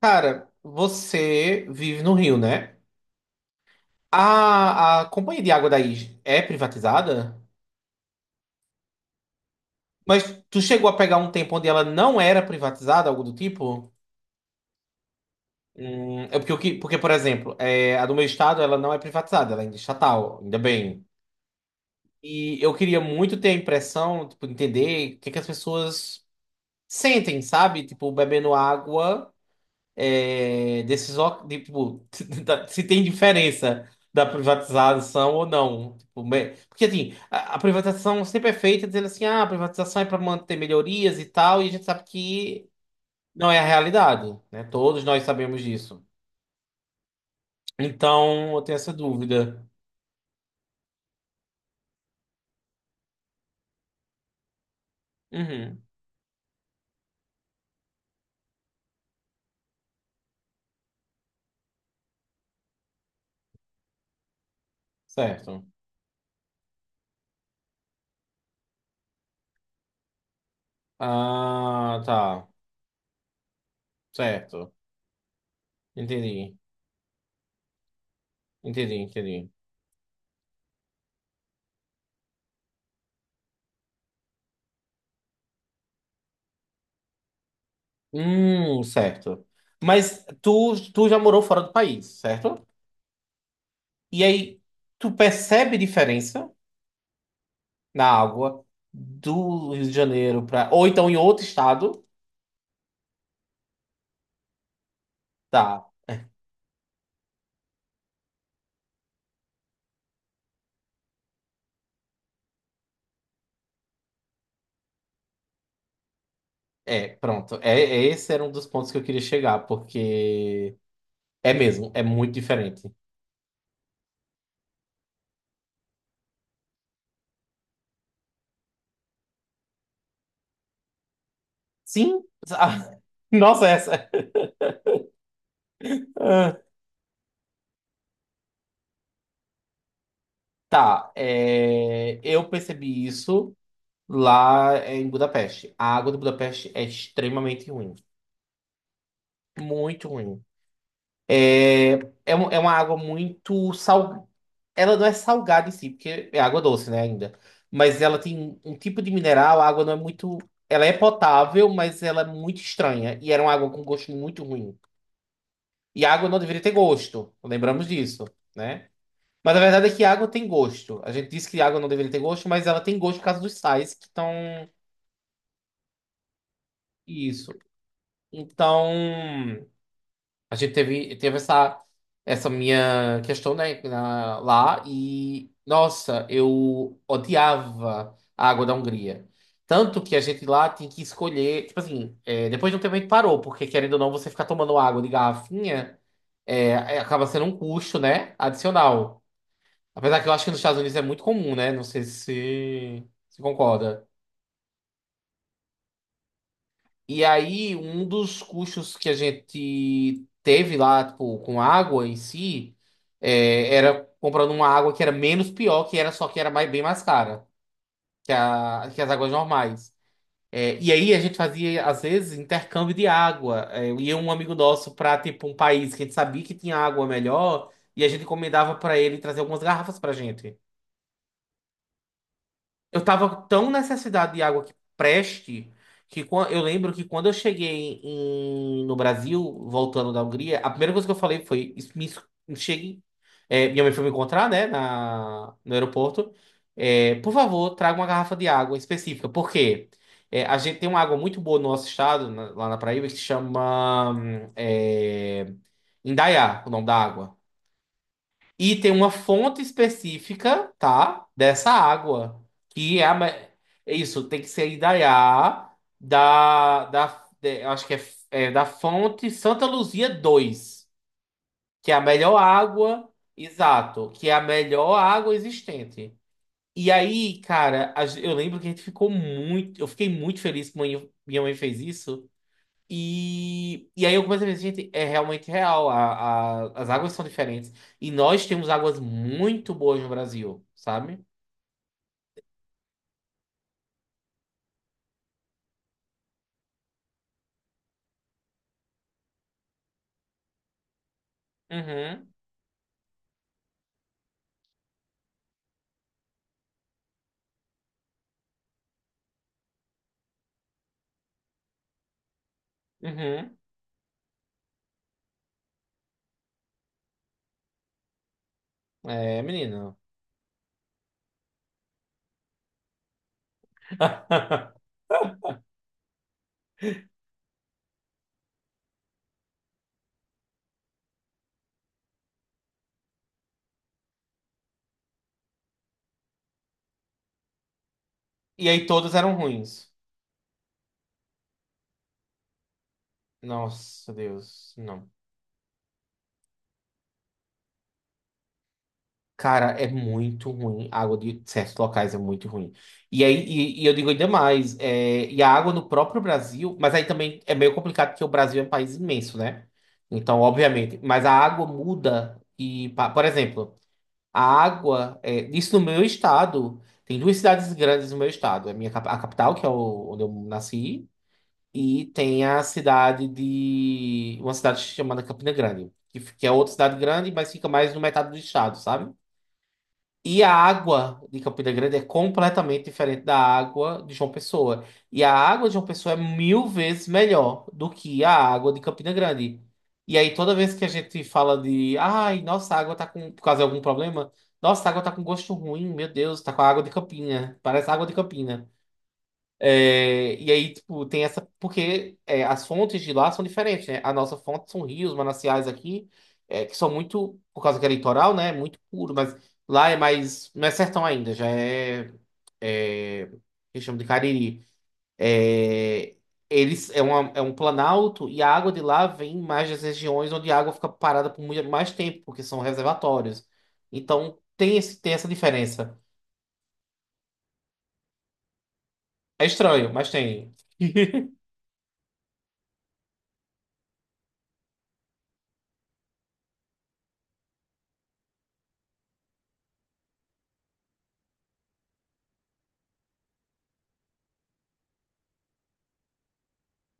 Cara, você vive no Rio, né? A companhia de água daí é privatizada? Mas tu chegou a pegar um tempo onde ela não era privatizada, algo do tipo? É porque, porque, por exemplo, a do meu estado ela não é privatizada, ela ainda é estatal, ainda bem. E eu queria muito ter a impressão, tipo, entender o que que as pessoas sentem, sabe? Tipo, bebendo água. Desses, de, tipo, se tem diferença da privatização ou não. Tipo, porque assim, a privatização sempre é feita dizendo assim, ah, a privatização é para manter melhorias e tal, e a gente sabe que não é a realidade, né? Todos nós sabemos disso. Então, eu tenho essa dúvida. Uhum, certo. Ah, tá. Certo. Entendi. Entendi, entendi. Certo. Mas tu já morou fora do país, certo? E aí, tu percebe diferença na água do Rio de Janeiro para. Ou então em outro estado. Tá, é, pronto. Esse era um dos pontos que eu queria chegar, porque é mesmo, é muito diferente. Sim. Nossa, essa. Ah, tá, eu percebi isso lá em Budapeste. A água de Budapeste é extremamente ruim. Muito ruim. É, é uma água muito sal, ela não é salgada em si, porque é água doce, né, ainda. Mas ela tem um tipo de mineral, a água não é muito. Ela é potável, mas ela é muito estranha. E era uma água com gosto muito ruim. E a água não deveria ter gosto. Lembramos disso, né? Mas a verdade é que a água tem gosto. A gente disse que a água não deveria ter gosto, mas ela tem gosto por causa dos sais que estão. Isso. Então. A gente teve essa minha questão, né, lá e, nossa, eu odiava a água da Hungria. Tanto que a gente lá tem que escolher, tipo assim, depois de um tempo a gente parou, porque querendo ou não, você ficar tomando água de garrafinha acaba sendo um custo, né, adicional. Apesar que eu acho que nos Estados Unidos é muito comum, né? Não sei se concorda. E aí, um dos custos que a gente teve lá, tipo, com água em si, era comprando uma água que era menos pior, que era só que era mais, bem mais cara que as águas normais. É, e aí a gente fazia, às vezes, intercâmbio de água. É, ia um amigo nosso para, tipo, um país que a gente sabia que tinha água melhor, e a gente encomendava para ele trazer algumas garrafas pra gente. Eu tava tão necessidade de água que preste que eu lembro que quando eu cheguei no Brasil, voltando da Hungria, a primeira coisa que eu falei foi: me, me chegue." É, minha mãe foi me encontrar, né, na, no aeroporto. É, por favor, traga uma garrafa de água específica. Por quê? É, a gente tem uma água muito boa no nosso estado, lá na Paraíba, que se chama Indaiá, o nome da água. E tem uma fonte específica, tá? Dessa água. Que é a. Isso, tem que ser Indaiá, eu acho que é, é da fonte Santa Luzia dois, que é a melhor água, exato, que é a melhor água existente. E aí, cara, eu lembro que a gente ficou muito. Eu fiquei muito feliz que minha mãe fez isso. E aí eu comecei a ver, gente, é realmente real. As águas são diferentes. E nós temos águas muito boas no Brasil, sabe? Uhum, uhum. É, menino. E aí todas eram ruins. Nossa, Deus, não. Cara, é muito ruim. A água de certos locais é muito ruim. E aí, e eu digo ainda mais, e a água no próprio Brasil, mas aí também é meio complicado porque o Brasil é um país imenso, né? Então, obviamente, mas a água muda e, por exemplo, a água, isso no meu estado, tem duas cidades grandes no meu estado, é a minha cap- a capital, que é onde eu nasci, e tem a cidade de uma cidade chamada Campina Grande, que é outra cidade grande, mas fica mais no metade do estado, sabe? E a água de Campina Grande é completamente diferente da água de João Pessoa. E a água de João Pessoa é mil vezes melhor do que a água de Campina Grande. E aí, toda vez que a gente fala de, ai, nossa, a água tá com, por causa de algum problema, nossa, a água tá com gosto ruim, meu Deus, tá com a água de Campina, parece água de Campina. É, e aí, tipo, tem essa. Porque as fontes de lá são diferentes, né? A nossa fonte são rios, mananciais aqui, que são muito, por causa que é litoral, né? Muito puro, mas lá é mais. Não é sertão ainda, já é. É que chama de Cariri. É, Eles, é um planalto e a água de lá vem mais das regiões onde a água fica parada por muito mais tempo, porque são reservatórios. Então tem essa diferença. É estranho, mas tem.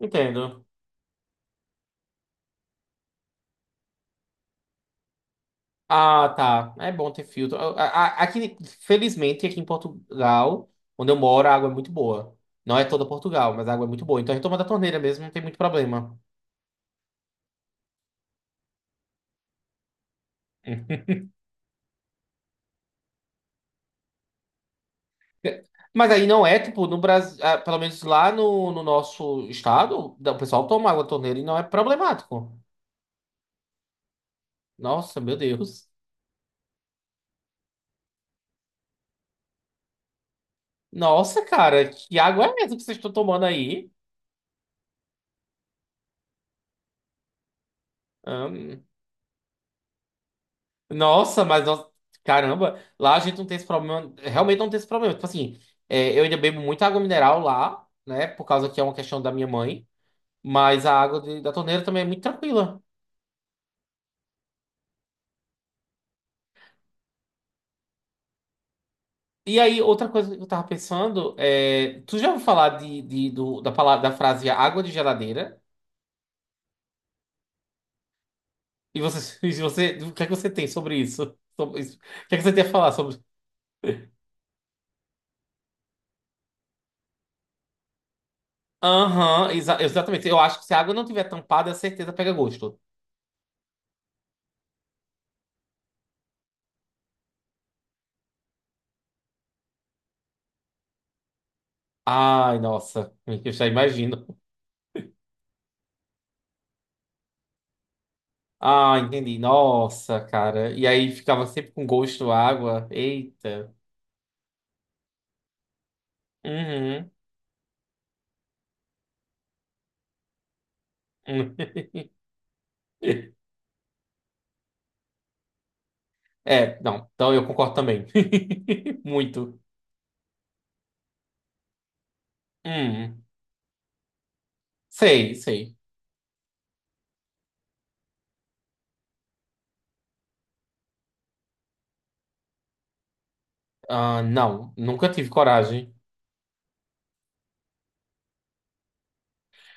Entendo. Ah, tá. É bom ter filtro. Aqui, felizmente, aqui em Portugal, onde eu moro, a água é muito boa. Não é toda Portugal, mas a água é muito boa. Então a gente toma da torneira mesmo, não tem muito problema. Mas aí não é, tipo, no Brasil, ah, pelo menos lá no nosso estado, o pessoal toma água da torneira e não é problemático. Nossa, meu Deus. Nossa, cara, que água é essa que vocês estão tomando aí? Nossa, mas nós... caramba, lá a gente não tem esse problema, realmente não tem esse problema. Tipo assim, eu ainda bebo muita água mineral lá, né? Por causa que é uma questão da minha mãe, mas a água da torneira também é muito tranquila. E aí, outra coisa que eu tava pensando é, tu já ouviu falar de, da palavra, da frase água de geladeira? E você, e você, o que é que você tem sobre isso? Sobre isso? O que é que você tem a falar sobre? Aham, exatamente. Eu acho que se a água não tiver tampada, a certeza pega gosto. Ai, nossa, eu já imagino. Ah, entendi. Nossa, cara. E aí ficava sempre com gosto à água. Eita. Uhum. Hum. É, não. Então eu concordo também. Muito. Hum. Sei, sei. Ah, não. Nunca tive coragem.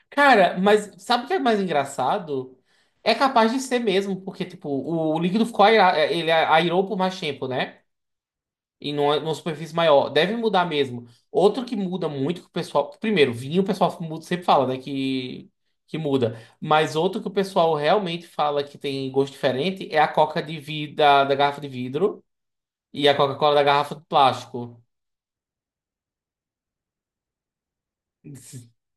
Cara, mas sabe o que é mais engraçado? É capaz de ser mesmo, porque, tipo, o líquido ficou ele é airou por mais tempo, né? E numa superfície maior. Deve mudar mesmo. Outro que muda muito que o pessoal. Primeiro, vinho o pessoal sempre fala, né? Que muda. Mas outro que o pessoal realmente fala que tem gosto diferente é a coca de vidro da garrafa de vidro e a Coca-Cola da garrafa de plástico.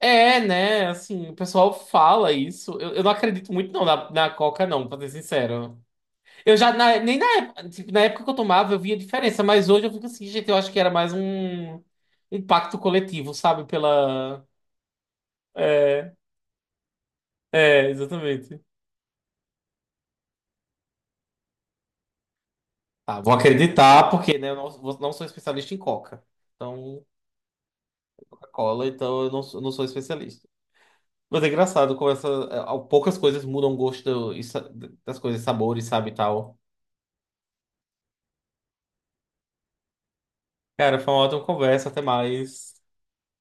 É, né? Assim, o pessoal fala isso. Eu não acredito muito não na Coca, não, pra ser sincero. Eu já, nem na época, tipo, na época que eu tomava, eu via diferença, mas hoje eu fico assim, gente, eu acho que era mais um impacto coletivo, sabe? Pela. É, é, exatamente. Tá, vou acreditar, porque, né, eu não, não sou especialista em Coca. Então, Coca-Cola, então eu não, não sou especialista. Mas é engraçado como essa, poucas coisas mudam o gosto e das coisas, sabores, sabe, e tal. Cara, foi uma ótima conversa, até mais.